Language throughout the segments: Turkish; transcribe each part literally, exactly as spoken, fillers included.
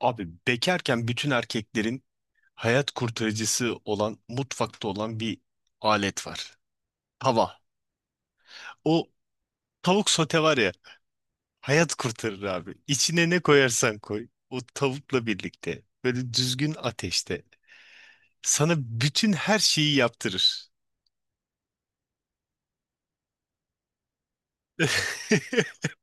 Abi bekarken bütün erkeklerin hayat kurtarıcısı olan mutfakta olan bir alet var. Tava. O tavuk sote var ya hayat kurtarır abi. İçine ne koyarsan koy o tavukla birlikte böyle düzgün ateşte sana bütün her şeyi yaptırır.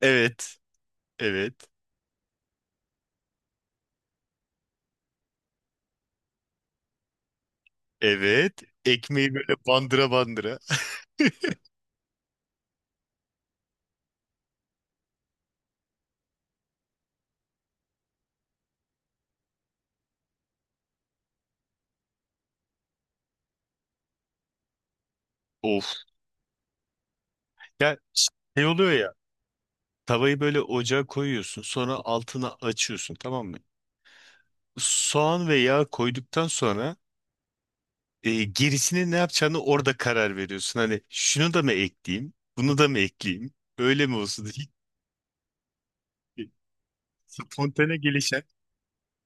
Evet, evet, evet. Ekmeği böyle bandıra bandıra. Of. Ya şey oluyor ya. Tavayı böyle ocağa koyuyorsun, sonra altına açıyorsun, tamam mı? Soğan ve yağ koyduktan sonra e, gerisini ne yapacağını orada karar veriyorsun. Hani şunu da mı ekleyeyim, bunu da mı ekleyeyim, böyle mi olsun? Hiç- Spontane gelişen,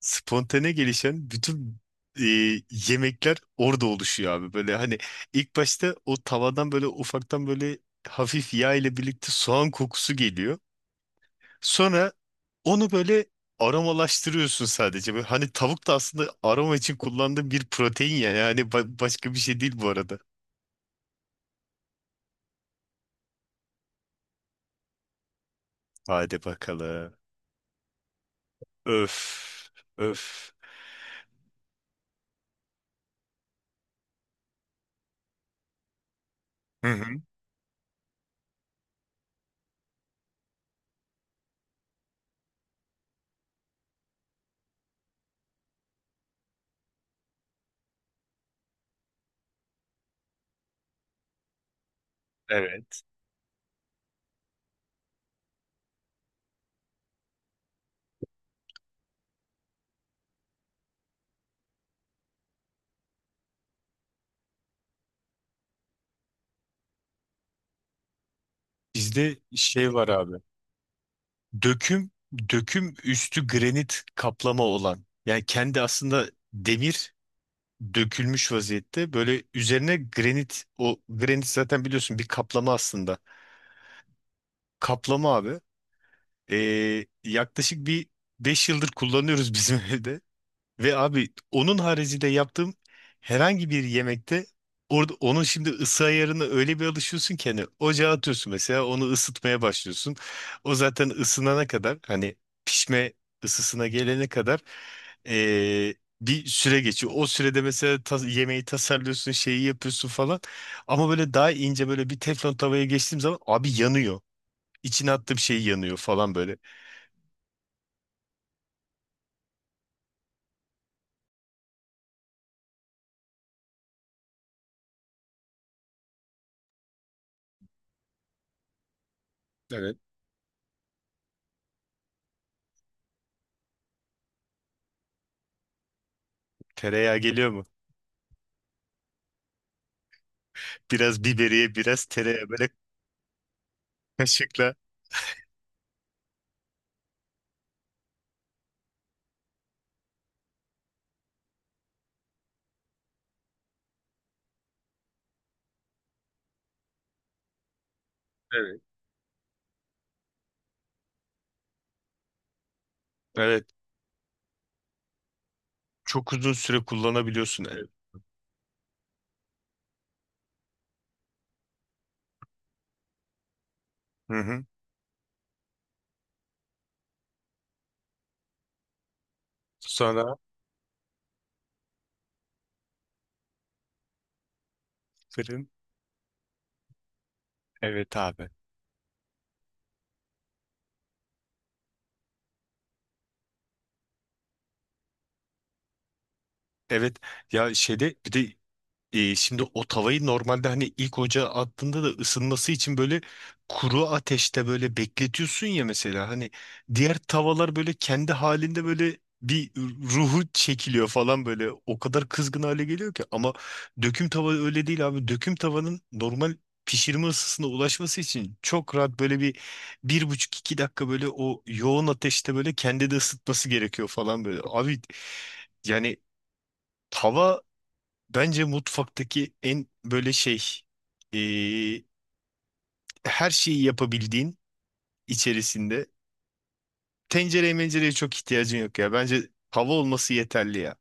spontane gelişen bütün e, yemekler orada oluşuyor abi. Böyle hani ilk başta o tavadan böyle ufaktan böyle hafif yağ ile birlikte soğan kokusu geliyor. Sonra onu böyle aromalaştırıyorsun sadece. Böyle hani tavuk da aslında aroma için kullandığım bir protein ya. Yani ba- başka bir şey değil bu arada. Hadi bakalım. Öf. Öf. Hı hı. Evet. Bizde şey var abi. Döküm, döküm üstü granit kaplama olan. Yani kendi aslında demir dökülmüş vaziyette. Böyle üzerine granit, o granit zaten biliyorsun bir kaplama aslında. Kaplama abi. Ee, yaklaşık bir beş yıldır kullanıyoruz bizim evde. Ve abi onun haricinde yaptığım herhangi bir yemekte orada onun şimdi ısı ayarına öyle bir alışıyorsun ki hani ocağa atıyorsun mesela onu ısıtmaya başlıyorsun. O zaten ısınana kadar hani pişme ısısına gelene kadar ee, bir süre geçiyor. O sürede mesela ta- yemeği tasarlıyorsun, şeyi yapıyorsun falan. Ama böyle daha ince böyle bir teflon tavaya geçtiğim zaman abi yanıyor. İçine attığım şey yanıyor falan böyle. Evet. Tereyağı geliyor mu? Biraz biberiye, biraz tereyağı böyle kaşıkla. Evet. Evet. Çok uzun süre kullanabiliyorsun. Evet. Hı hı. Sonra fırın. Evet abi. Evet. Ya şeyde bir de E, şimdi o tavayı normalde hani ilk ocağa attığında da ısınması için böyle kuru ateşte böyle bekletiyorsun ya mesela hani diğer tavalar böyle kendi halinde böyle bir ruhu çekiliyor falan böyle o kadar kızgın hale geliyor ki ama döküm tava öyle değil abi döküm tavanın normal pişirme ısısına ulaşması için çok rahat böyle bir bir buçuk iki dakika böyle o yoğun ateşte böyle kendi de ısıtması gerekiyor falan böyle abi yani tava. Bence mutfaktaki en böyle şey eee, her şeyi yapabildiğin içerisinde tencereye mencereye çok ihtiyacın yok ya. Bence tava olması yeterli ya.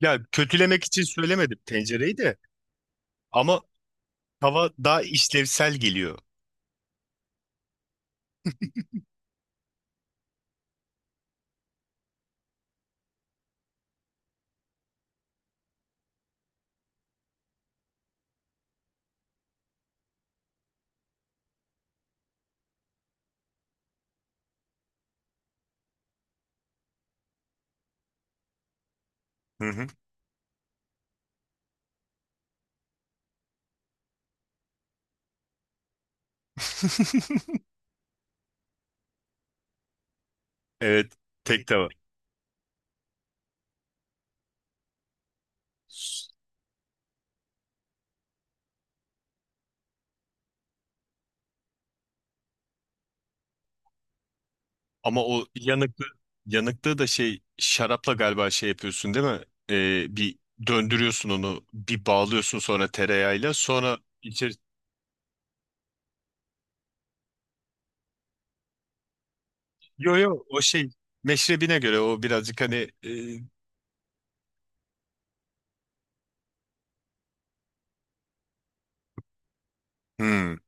Ya kötülemek için söylemedim tencereyi de ama tava daha işlevsel geliyor. Hı hı. Evet tek tava. Ama o yanıklı yanıklığı da şey şarapla galiba şey yapıyorsun değil mi? Eee, bir döndürüyorsun onu bir bağlıyorsun sonra tereyağıyla sonra içer. Yo yo, o şey meşrebine göre o birazcık hani e, hmm,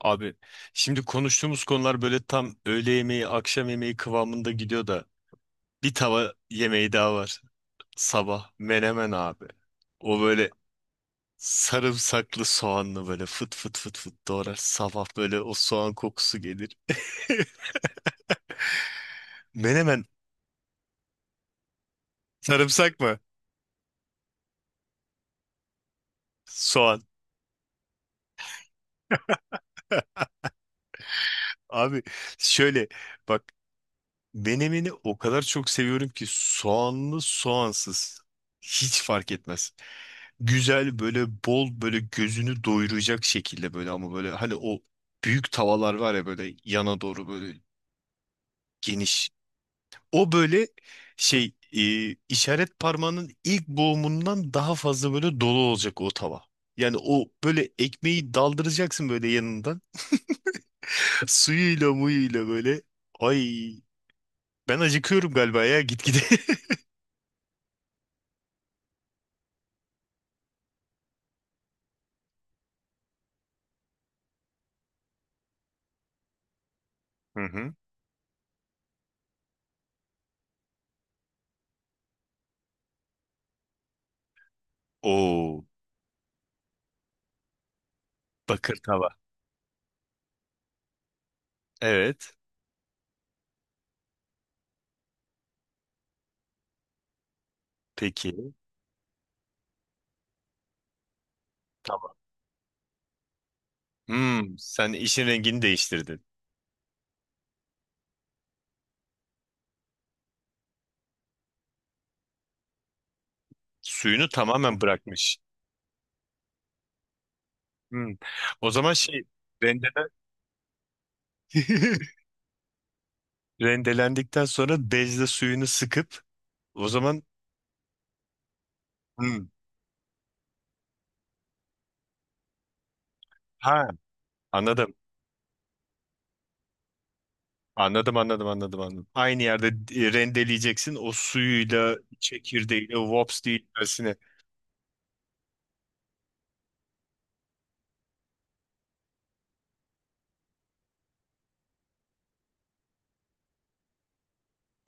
abi şimdi konuştuğumuz konular böyle tam öğle yemeği akşam yemeği kıvamında gidiyor da bir tava yemeği daha var sabah menemen abi o böyle sarımsaklı soğanlı böyle fıt fıt fıt fıt doğrar sabah böyle o soğan kokusu gelir menemen sarımsak mı soğan? Abi şöyle bak. Menemeni o kadar çok seviyorum ki soğanlı soğansız hiç fark etmez. Güzel böyle bol böyle gözünü doyuracak şekilde böyle ama böyle hani o büyük tavalar var ya böyle yana doğru böyle geniş. O böyle şey e, işaret parmağının ilk boğumundan daha fazla böyle dolu olacak o tava. Yani o böyle ekmeği daldıracaksın böyle yanından suyuyla muyuyla böyle. Ay ben acıkıyorum galiba ya gitgide. Hı hı. Oo, bakır tava. Evet. Peki. Tava. Hmm, sen işin rengini değiştirdin. Suyunu tamamen bırakmış. Hmm. O zaman şey rendelen rendelendikten sonra bezle suyunu sıkıp o zaman hmm. Ha, anladım. Anladım, anladım, anladım, anladım. Aynı yerde e, rendeleyeceksin o suyuyla, çekirdeğiyle, wops değil öylesine.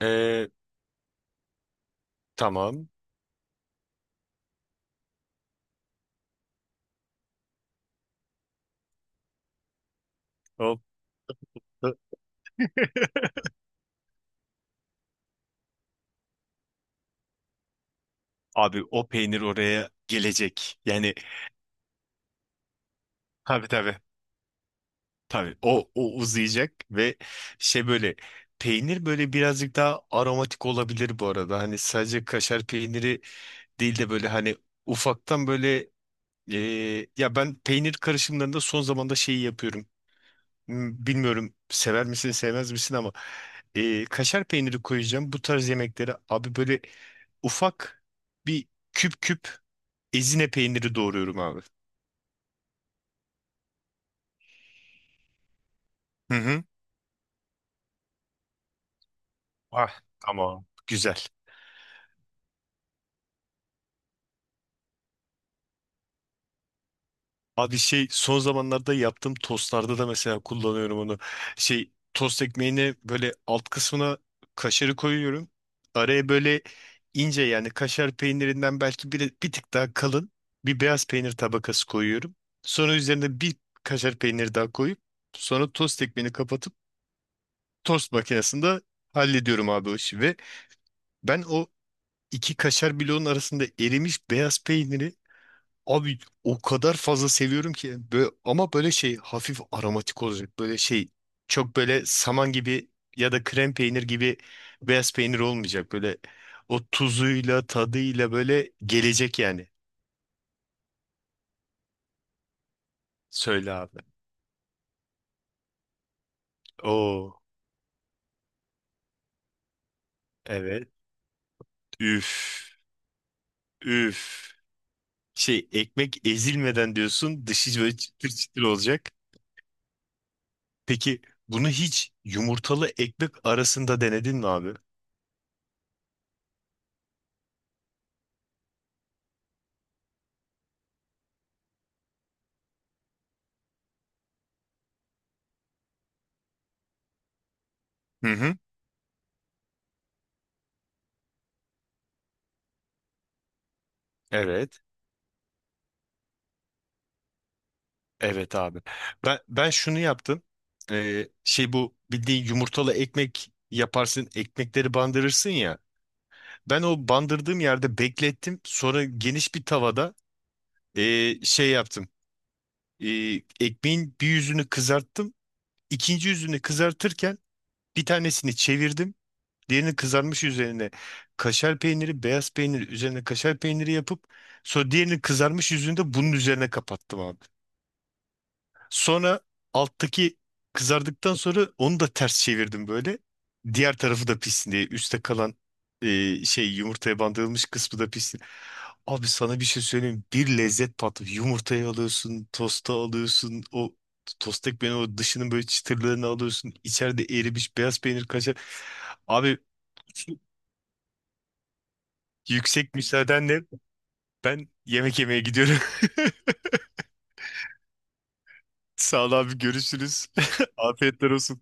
Ee, tamam. Hop. Abi o peynir oraya gelecek. Yani tabii tabii. Tabii o, o uzayacak ve şey böyle peynir böyle birazcık daha aromatik olabilir bu arada. Hani sadece kaşar peyniri değil de böyle hani ufaktan böyle e, ya ben peynir karışımlarında son zamanda şeyi yapıyorum. Hmm, Bilmiyorum sever misin sevmez misin ama e, kaşar peyniri koyacağım bu tarz yemeklere abi böyle ufak bir küp küp ezine peyniri doğruyorum abi. Hı hı. Ah tamam. Güzel. Abi şey son zamanlarda yaptığım tostlarda da mesela kullanıyorum onu. Şey tost ekmeğine böyle alt kısmına kaşarı koyuyorum. Araya böyle ince yani kaşar peynirinden belki bir, bir tık daha kalın bir beyaz peynir tabakası koyuyorum. Sonra üzerine bir kaşar peyniri daha koyup sonra tost ekmeğini kapatıp tost makinesinde hallediyorum abi o işi. Ve ben o iki kaşar bloğun arasında erimiş beyaz peyniri. Abi o kadar fazla seviyorum ki böyle, ama böyle şey hafif aromatik olacak böyle şey çok böyle saman gibi ya da krem peynir gibi beyaz peynir olmayacak böyle o tuzuyla tadıyla böyle gelecek yani. Söyle abi. Oo, evet. Üf. Üf. Şey ekmek ezilmeden diyorsun, dışı böyle çıtır çıtır olacak. Peki bunu hiç yumurtalı ekmek arasında denedin mi abi? Hı hı. Evet. Evet abi. Ben ben şunu yaptım. Ee, şey bu bildiğin yumurtalı ekmek yaparsın, ekmekleri bandırırsın ya. Ben o bandırdığım yerde beklettim. Sonra geniş bir tavada ee, şey yaptım. Ee, Ekmeğin bir yüzünü kızarttım. İkinci yüzünü kızartırken bir tanesini çevirdim. Diğerini kızarmış üzerine kaşar peyniri, beyaz peynir üzerine kaşar peyniri yapıp sonra diğerini kızarmış yüzünü de bunun üzerine kapattım abi. Sonra alttaki kızardıktan sonra onu da ters çevirdim böyle. Diğer tarafı da pişsin diye. Üste kalan e, şey yumurtaya bandırılmış kısmı da pişsin. Abi sana bir şey söyleyeyim. Bir lezzet patlıyor. Yumurtayı alıyorsun, tosta alıyorsun. O tost ekmeğin o dışının böyle çıtırlarını alıyorsun. İçeride erimiş beyaz peynir kaşar. Abi yüksek müsaadenle ben yemek yemeye gidiyorum. Sağ ol abi, görüşürüz. Afiyetler olsun.